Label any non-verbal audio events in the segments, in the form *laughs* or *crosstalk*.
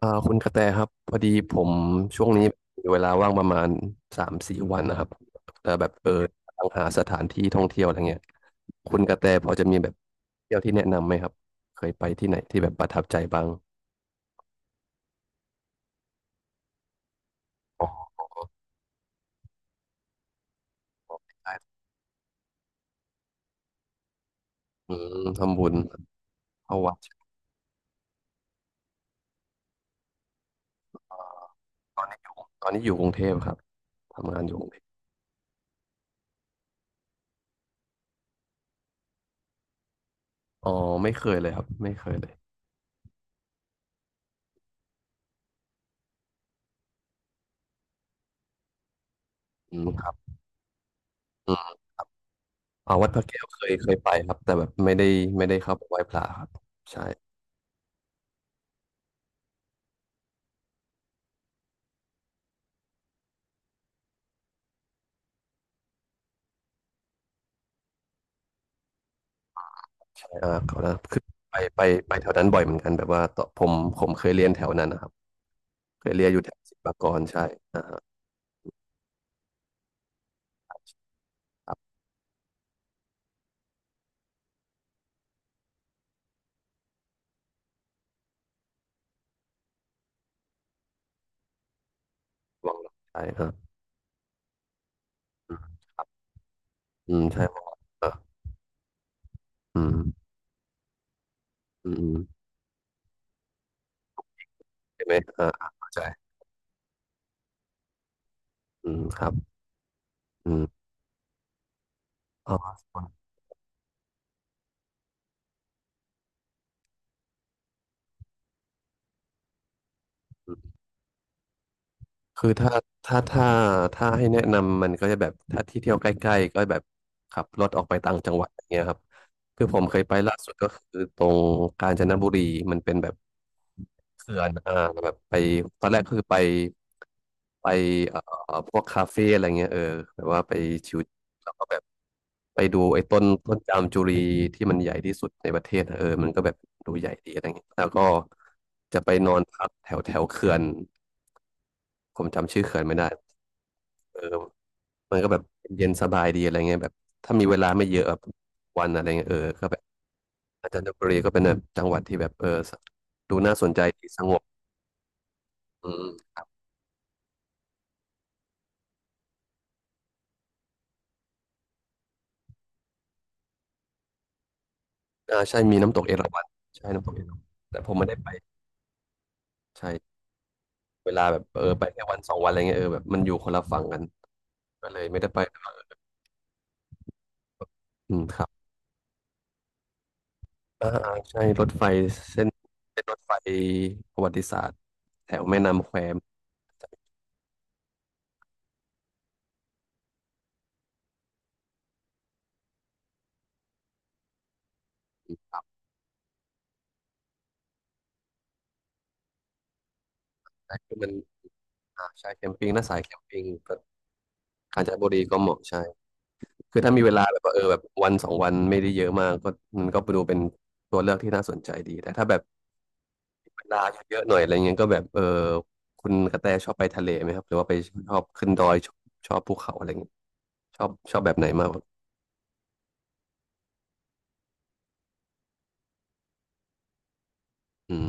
คุณกระแตครับพอดีผมช่วงนี้มีเวลาว่างประมาณ3-4วันนะครับแต่แบบตามหาสถานที่ท่องเที่ยวอะไรเงี้ยคุณกระแตพอจะมีแบบเที่ยวที่แนะนำไหมครับเคยไปที่ไหนที่แบบประทับใจบ้างอ๋อได้อืมทำบุญเข้าวัดตอนนี้อยู่ตอนนี้อยู่กรุงเทพครับทำงานอยู่กรุงเทพอ๋อไม่เคยเลยครับไม่เคยเลยอืมครับอืมวัดพระแก้วเคยไปครับแต่แบบไม่ได้เข้าไปไหว้พระครับใช่ เอ่าเขานะคือไปไปไปแถวนั้นบ่อยเหมือนกันแบบว่าตอนผมเคยเรียนแถวนั้นนะครับเคยเรียนอยู่แถวศิลปากรใช่อ่าฮะครับวังหลังใช่ครับอืมอใช่ครับอ่ะอืมอืมอืมเห็นไหมอ่าอ่าเข้าใจอืมครับอืมอ๋ออืมคือถ้าถ้าถ้าให้แนะนำมันก็จะแบบถ้าที่เที่ยวใกล้ๆก็แบบขับรถออกไปต่างจังหวัดอย่างเงี้ยครับคือผมเคยไปล่าสุดก็คือตรงกาญจนบุรีมันเป็นแบบ เขื่อนแบบไปตอนแรกคือไปเอ่อพวกคาเฟ่อะไรเงี้ยแบบว่าไปชิวแล้วก็แบบไปดูไอ้ต้นจามจุรีที่มันใหญ่ที่สุดในประเทศอะมันก็แบบดูใหญ่ดีอะไรเงี้ยแล้วก็จะไปนอนพักแถวแถวเขื่อนผมจำชื่อเขื่อนไม่ได้เออมันก็แบบเย็นสบายดีอะไรเงี้ยแบบถ้ามีเวลาไม่เยอะแบบวันอะไรเงี้ยก็แบบอาจารย์บุรีก็เป็นแบบจังหวัดที่แบบดูน่าสนใจดีสงบอืม อ่าใช่มีน้ำตกเอราวัณใช่น้ำตกเอราวัณแต่ผมไม่ได้ไปใช่เวลาแบบไปแค่วันสองวันอะไรเงี้ยแบบมันอยู่คนละฝั่งกันก็เลยไม่ได้ไปอืมครับอ่าอ่าใช่รถไฟเส้นเส้นรถไฟประวัติศาสตร์แถวแม่น้ำแควมนจะมีครับใช่คือมันอ่าใช่แคมปิ้งน่าสายแคมปิ้งก็กาญจนบุรีก็เหมาะใช่คือถ้ามีเวลาแบบว่าแบบวันสองวันไม่ได้เยอะมากก็มันก็ไปดูเป็นตัวเลือกที่น่าสนใจดีแต่ถ้าแบบ เลาเยอะๆหน่อยอะไรเงี้ยก็แบบคุณกระแตชอบไปทะเลไหมครับหรือว่าไปชอบขึ้นดอยชอบภูเขาอะไรเงี้ยชอบแบบไหนมากกว่าอืม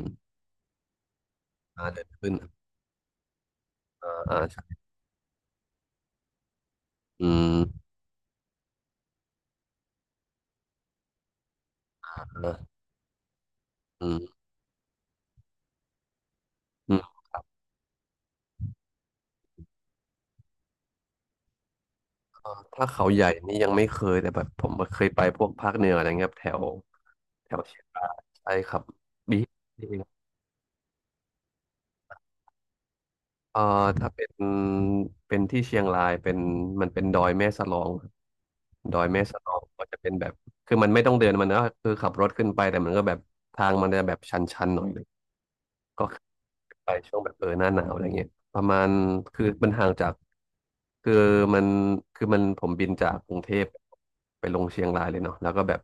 อ่าเดินขึ้นอ่าอ่าใช่อืมอ่าอืมอืมถ้าเขาใหญ่นี่ยังไม่เคยแต่แบบผมเคยไปพวกภาคเหนืออะไรเงี้ยครับแถวแถวเชียงรายใช่ครับบี เอ่อถ้าเป็นที่เชียงรายเป็นมันเป็นดอยแม่สลองครับดอยแม่สลองก็จะเป็นแบบคือมันไม่ต้องเดินมันนะคือขับรถขึ้นไปแต่มันก็แบบทางมันจะแบบชันๆหน่อยก็ ไปช่วงแบบหน้าหนาวอะไรเงี้ยประมาณคือมันห่างจากคือมันคือมันผมบินจากกรุงเทพไปลงเชียงรายเลยเนาะแล้วก็แบบ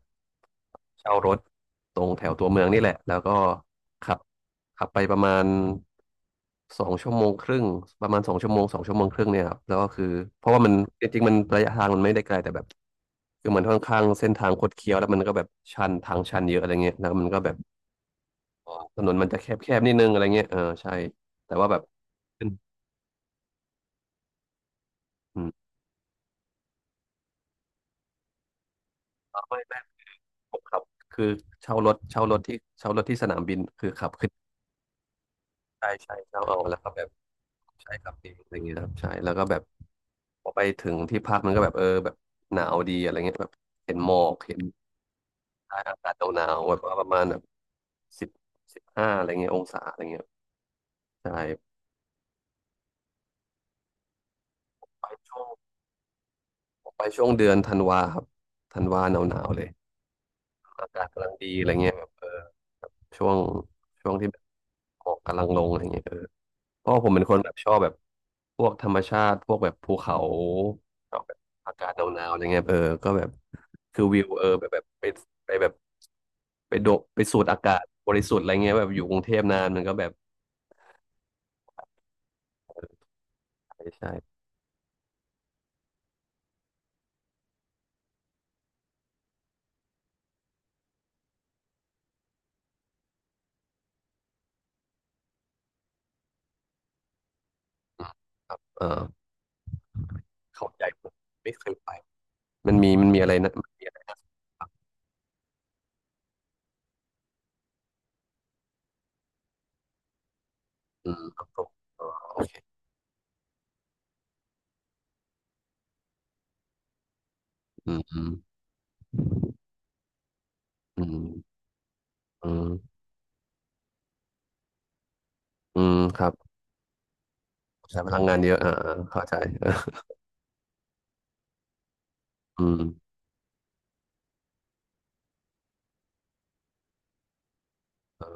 เช่ารถตรงแถวตัวเมืองนี่แหละแล้วก็ขับขับไปประมาณสองชั่วโมงครึ่งประมาณสองชั่วโมงสองชั่วโมงครึ่งเนี่ยครับแล้วก็คือเพราะว่ามันจริงๆมันระยะทางมันไม่ได้ไกลแต่แบบคือมันค่อนข้างเส้นทางคดเคี้ยวแล้วมันก็แบบชันทางชันเยอะอะไรเงี้ยแล้วมันก็แบบ ถนนมันจะแคบๆนิดนึงอะไรเงี้ยเออใช่แต่ว่าแบบขึ้นอืมอ๋อไม่ไม่ผมขับคือเช่ารถที่สนามบินคือขับขึ้นใช่ใช่เช่าเอาแล้วก็แบบใช่ขับเองอะไรเงี้ยครับใช่ แล้วก็แบบพอไปถึงที่พักมันก็แบบแบบหนาวดีอะไรเงี้ยแบบเห็นหมอกเห็นอากาศหนาวๆแบบว่าประมาณแบบสิบ15อะไรเงี้ยองศาอะไรเงี้ยใช่ไปช่วงผมไปช่วงเดือนธันวาครับธันวาหนาวๆเลย อากาศกำลังดีอะไรเงี้ยแบบเออ ช่วงช่วงที่แบบหมอกกำลังลงอะไรเงี้ยเพราะว่าผมเป็นคนแบบชอบแบบพวกธรรมชาติพวกแบบภูเขาชอบแบบอากาศหนาวๆอะไรเงี้ยก็แบบคือวิวแบบไปแบบไปโดดไปสูดอากาศบริสุทธิ์อะไรเงี้ยแบบอยู่กรุงเทพนานมันก็แบบใช่ใช่อืมเออเขาใหญ่ผมไม่เคยไปมันมีอะไรนะมันมีอะไรนะอืมครับผมเออโอเคอืมอืมอืมอืมอืมครับใช้พลังงานเยอะอ่าอ่าเข้าใจ อืมเออ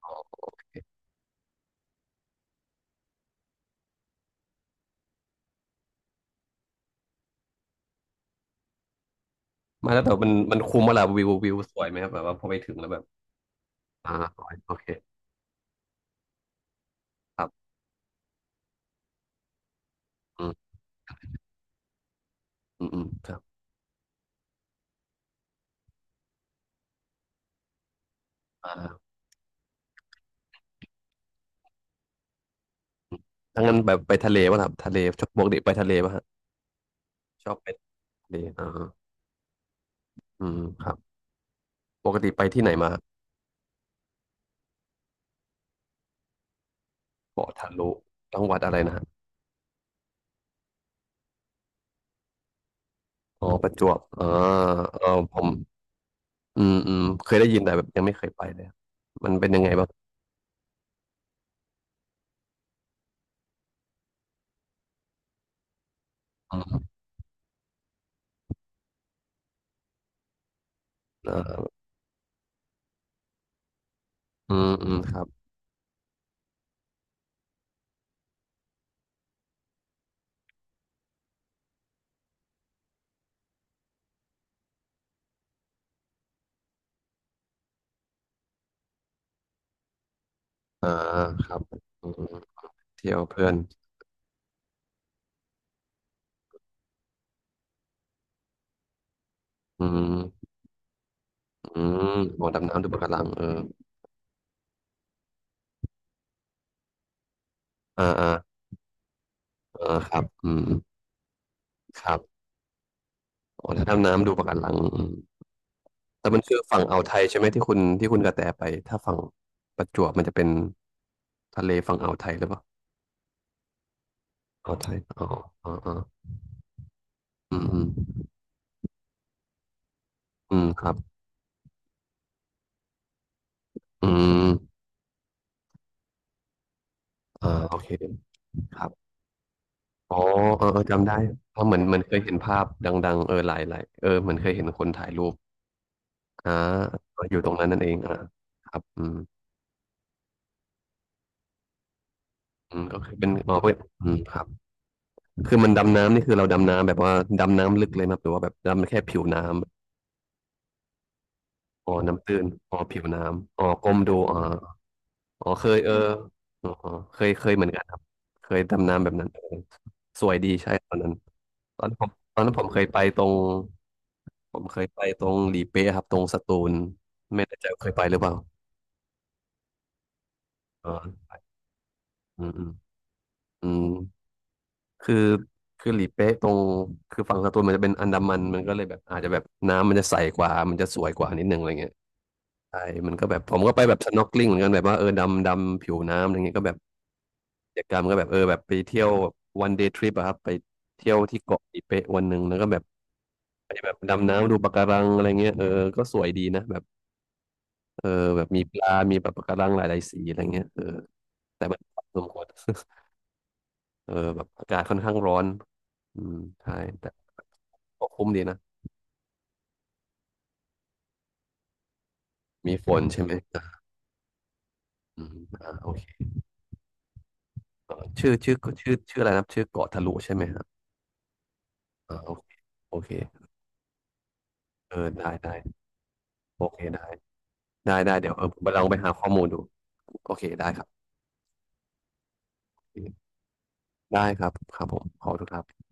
โอเคมาแล้วแต่มันคุ้มมาละวิวสวยไหมครับแบบว่าพอไปถึงแล้วแบบอ่าสวยโอเคครับอืมอืมอืมครับอ่าถ้างั้นแบบไปทะเลป่ะครับทะเลชอบปกติไปทะเลป่ะฮะชอบไปทะเลอ่าอืมครับปกติไปที่ไหนมาเกาะทะลุจังหวัดอะไรนะฮะอ๋อประจวบอ่าเออผมอืมอืมเคยได้ยินแต่แบบยังไม่เคยไปเลยอะมันเป็นยังไงบ้างอืมอ่าอืมอืมครับอ่าครับอืมเที่ยวเพื่อนอืม อืมอ๋อดำน้ำดูปะการังเอออ่าอ่าอ่าครับอืมครับอ๋อถ้าดำน้ำดูปะการังอืมแต่มันคือฝั่งอ่าวไทยใช่ไหมที่คุณกระแตไปถ้าฝั่งประจวบมันจะเป็นทะเลฝั่งอ่าวไทยหรือเปล่าอ่าวไทยอ๋ออ๋ออ๋ออืมอืมอืมครับอืมอ่าโอเคครับอ๋อเออเออจำได้เพราะเหมือนมันเคยเห็นภาพดังๆเออหลายหลายเออเหมือนเคยเห็นคนถ่ายรูปอ่าอยู่ตรงนั้นนั่นเองอ่าครับอืมอืมก็คือเป็นอ๋อเป็นอืมครับ คือมันดำน้ำนี่คือเราดำน้ำแบบว่าดำน้ำลึกเลยไหมครับหรือว่าแบบดำแค่ผิวน้ำอ๋อน้ำตื้นอ๋อผิวน้ำอ๋อก้มดูอ๋ออ๋อเคยเอออ๋อเคยเคยเหมือนกันครับเคยดำน้ำแบบนั้นเออสวยดีใช่ตอนนั้นตอนนั้นผมเคยไปตรงผมเคยไปตรงหลีเป๊ะครับตรงสตูลไม่แน่ใจว่าเคยไปหรือเปล่าอ๋ออืมอืมอืมคือคือหลีเป๊ะตรงคือฝั่งสตูลมันจะเป็นอันดามันมันก็เลยแบบอาจจะแบบน้ำมันจะใสกว่ามันจะสวยกว่านิดนึงอะไรเงี้ย ใช่มันก็แบบผมก็ไปแบบ snorkeling เหมือนกันแบบว่าเออดำดำผิวน้ำอะไรเงี้ยก็แบบกิจกรรมก็แบบเออแบบไปเที่ยวแบบ one day trip อะครับไปเที่ยวที่เกาะอีเปะวันหนึ่งแล้วก็แบบไปแบบดำน้ำดูปะการังอะไรเงี้ยเออก็สวยดีนะแบบเออแบบมีปลา มีแบบปะการังหลายๆสีอะไรเงี้ยเออแต่มันพอสมควร *laughs* เออแบบอากาศค่อนข้างร้อนอืมใช่แต่ก็คุ้มดีนะมีฝนใช่ไหมอืมอ่าโอเคเออชื่ออะไรนะชื่อเกาะทะลุใช่ไหมครับอ่าโอเคโอเค เออได้ได้โอเคได้ได้เดี๋ยวเออผมลองไปหาข้อมูลดูโอเคได้ครับได้ครับครับผมขอบคุณครับ